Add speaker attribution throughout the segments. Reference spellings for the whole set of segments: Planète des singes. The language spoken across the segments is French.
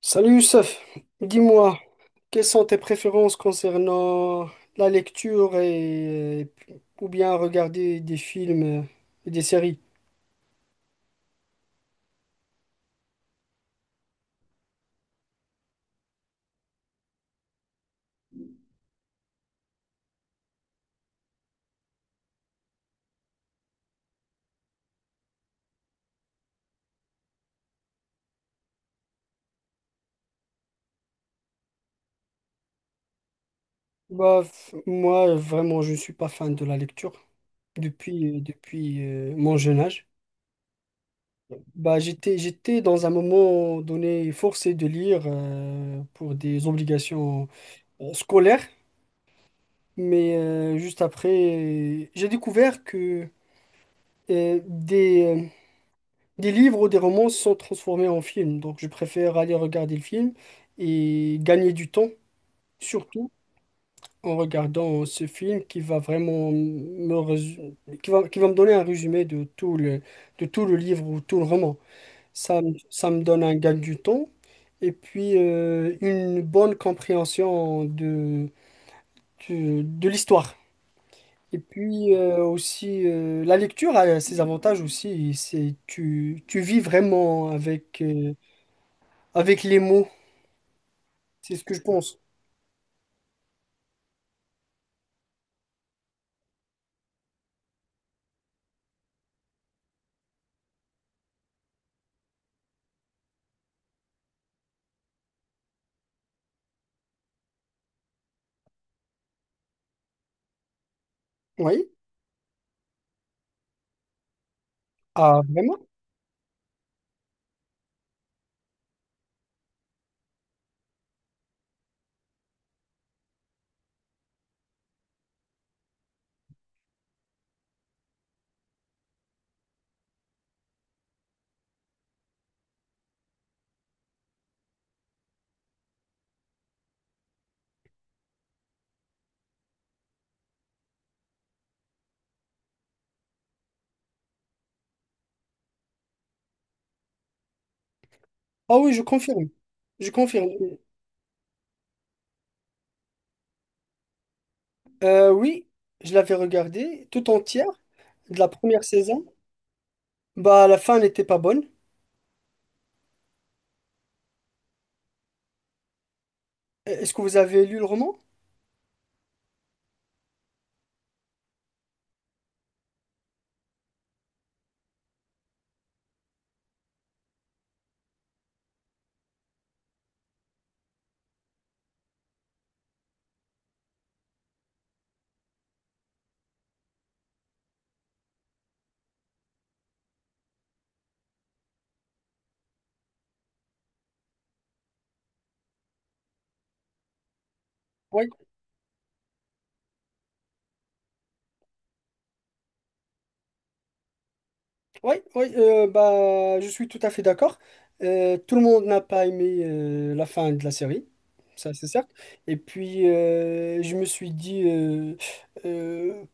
Speaker 1: Salut Youssef, dis-moi, quelles sont tes préférences concernant la lecture et ou bien regarder des films et des séries? Bah, moi vraiment je ne suis pas fan de la lecture depuis mon jeune âge. Bah, j'étais dans un moment donné forcé de lire pour des obligations scolaires, mais juste après j'ai découvert que euh, des euh, des livres ou des romans sont transformés en films, donc je préfère aller regarder le film et gagner du temps, surtout en regardant ce film qui va vraiment qui va me donner un résumé de de tout le livre ou tout le roman. Ça me donne un gain du temps et puis une bonne compréhension de l'histoire. Et puis aussi, la lecture a ses avantages aussi, c'est tu vis vraiment avec... avec les mots, c'est ce que je pense. Oui? Ah, vraiment? Ah oui, je confirme. Je confirme. Oui, je l'avais regardé tout entière de la première saison. Bah, la fin n'était pas bonne. Est-ce que vous avez lu le roman? Oui, oui, oui. Bah, je suis tout à fait d'accord. Tout le monde n'a pas aimé la fin de la série. Ça, c'est certes. Et puis, je me suis dit, euh,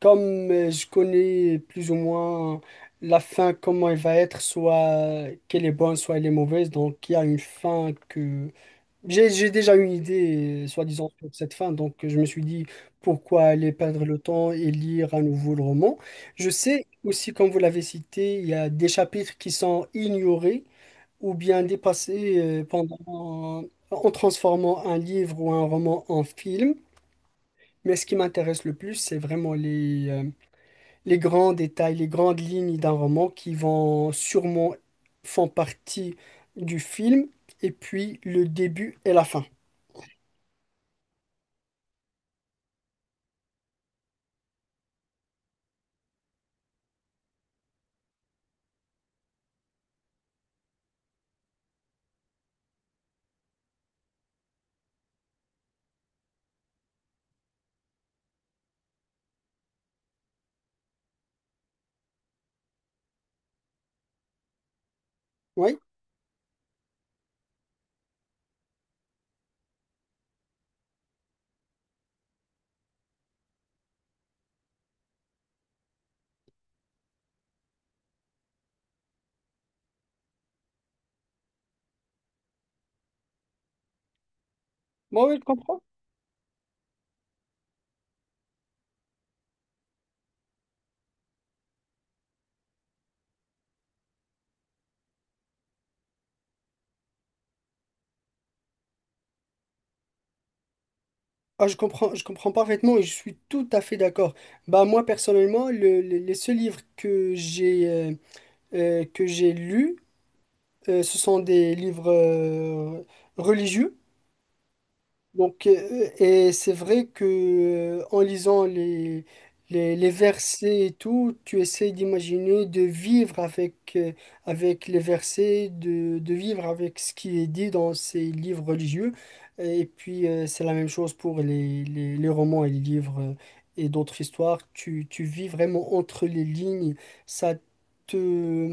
Speaker 1: Comme je connais plus ou moins la fin, comment elle va être, soit qu'elle est bonne, soit elle est mauvaise, donc il y a une fin que... j'ai déjà une idée, soi-disant, sur cette fin, donc je me suis dit, pourquoi aller perdre le temps et lire à nouveau le roman? Je sais aussi, comme vous l'avez cité, il y a des chapitres qui sont ignorés ou bien dépassés pendant... en transformant un livre ou un roman en film. Mais ce qui m'intéresse le plus, c'est vraiment les grands détails, les grandes lignes d'un roman qui vont sûrement font partie du film, et puis le début et la fin. Oui, moi oui, je comprends. Ah, je comprends parfaitement et je suis tout à fait d'accord. Bah moi personnellement, les seuls livres que j'ai lus, ce sont des livres religieux. Donc, et c'est vrai que en lisant les versets et tout, tu essaies d'imaginer de vivre avec, avec les versets, de vivre avec ce qui est dit dans ces livres religieux. Et puis, c'est la même chose pour les romans et les livres et d'autres histoires. Tu vis vraiment entre les lignes. Ça te,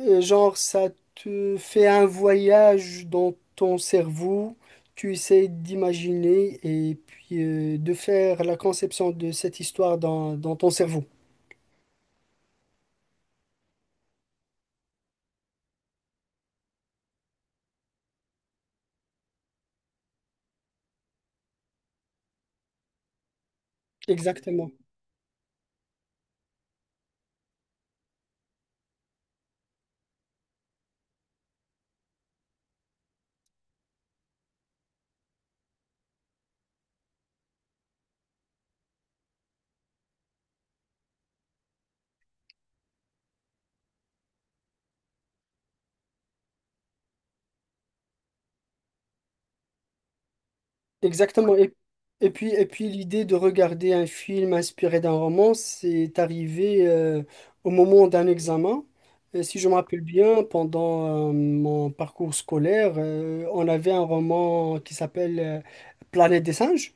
Speaker 1: ça te fait un voyage dans ton cerveau, tu essaies d'imaginer et puis de faire la conception de cette histoire dans ton cerveau. Exactement. Exactement. Et, et puis l'idée de regarder un film inspiré d'un roman, c'est arrivé au moment d'un examen. Et si je me rappelle bien, pendant mon parcours scolaire, on avait un roman qui s'appelle Planète des singes.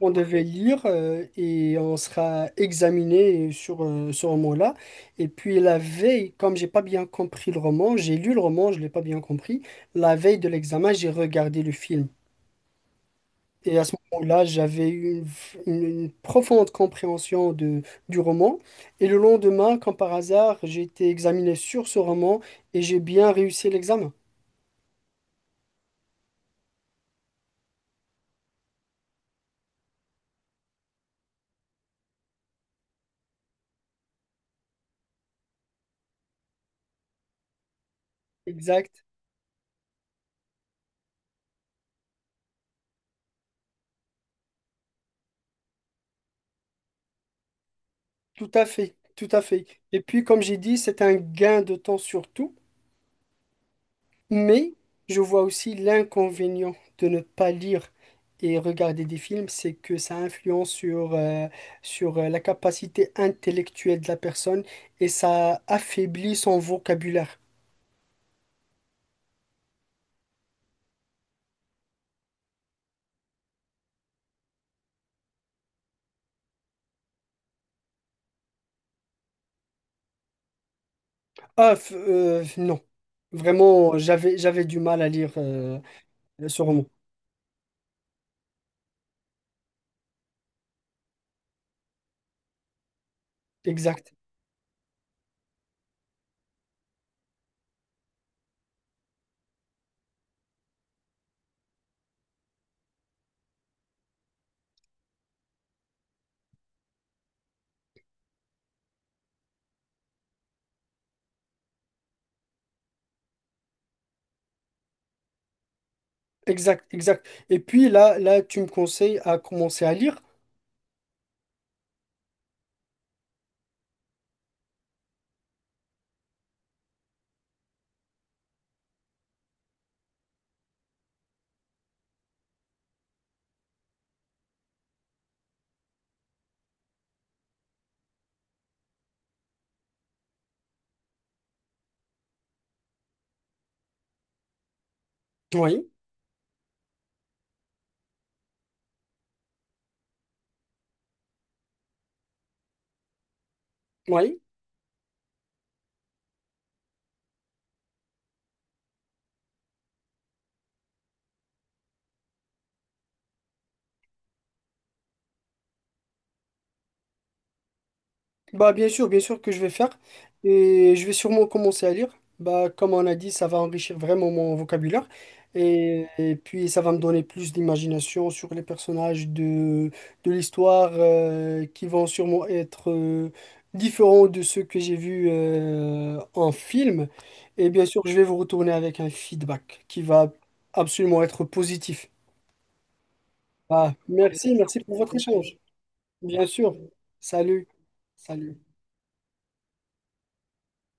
Speaker 1: On devait lire et on sera examiné sur ce roman-là. Et puis la veille, comme j'ai pas bien compris le roman, j'ai lu le roman, je l'ai pas bien compris. La veille de l'examen, j'ai regardé le film. Et à ce moment-là, j'avais eu une, f- une profonde compréhension de, du roman. Et le lendemain, comme par hasard, j'ai été examiné sur ce roman et j'ai bien réussi l'examen. Exact. Tout à fait. Tout à fait. Et puis, comme j'ai dit, c'est un gain de temps surtout. Mais je vois aussi l'inconvénient de ne pas lire et regarder des films, c'est que ça influence sur, sur la capacité intellectuelle de la personne et ça affaiblit son vocabulaire. Ah, non. Vraiment, j'avais du mal à lire ce roman. Exact, exact, exact. Et puis là, là, tu me conseilles à commencer à lire. Oui, oui. Bah bien sûr que je vais faire et je vais sûrement commencer à lire. Bah comme on a dit, ça va enrichir vraiment mon vocabulaire et puis ça va me donner plus d'imagination sur les personnages de l'histoire qui vont sûrement être différents de ceux que j'ai vus en film. Et bien sûr, je vais vous retourner avec un feedback qui va absolument être positif. Ah, merci, merci pour votre échange. Bien sûr. Salut. Salut.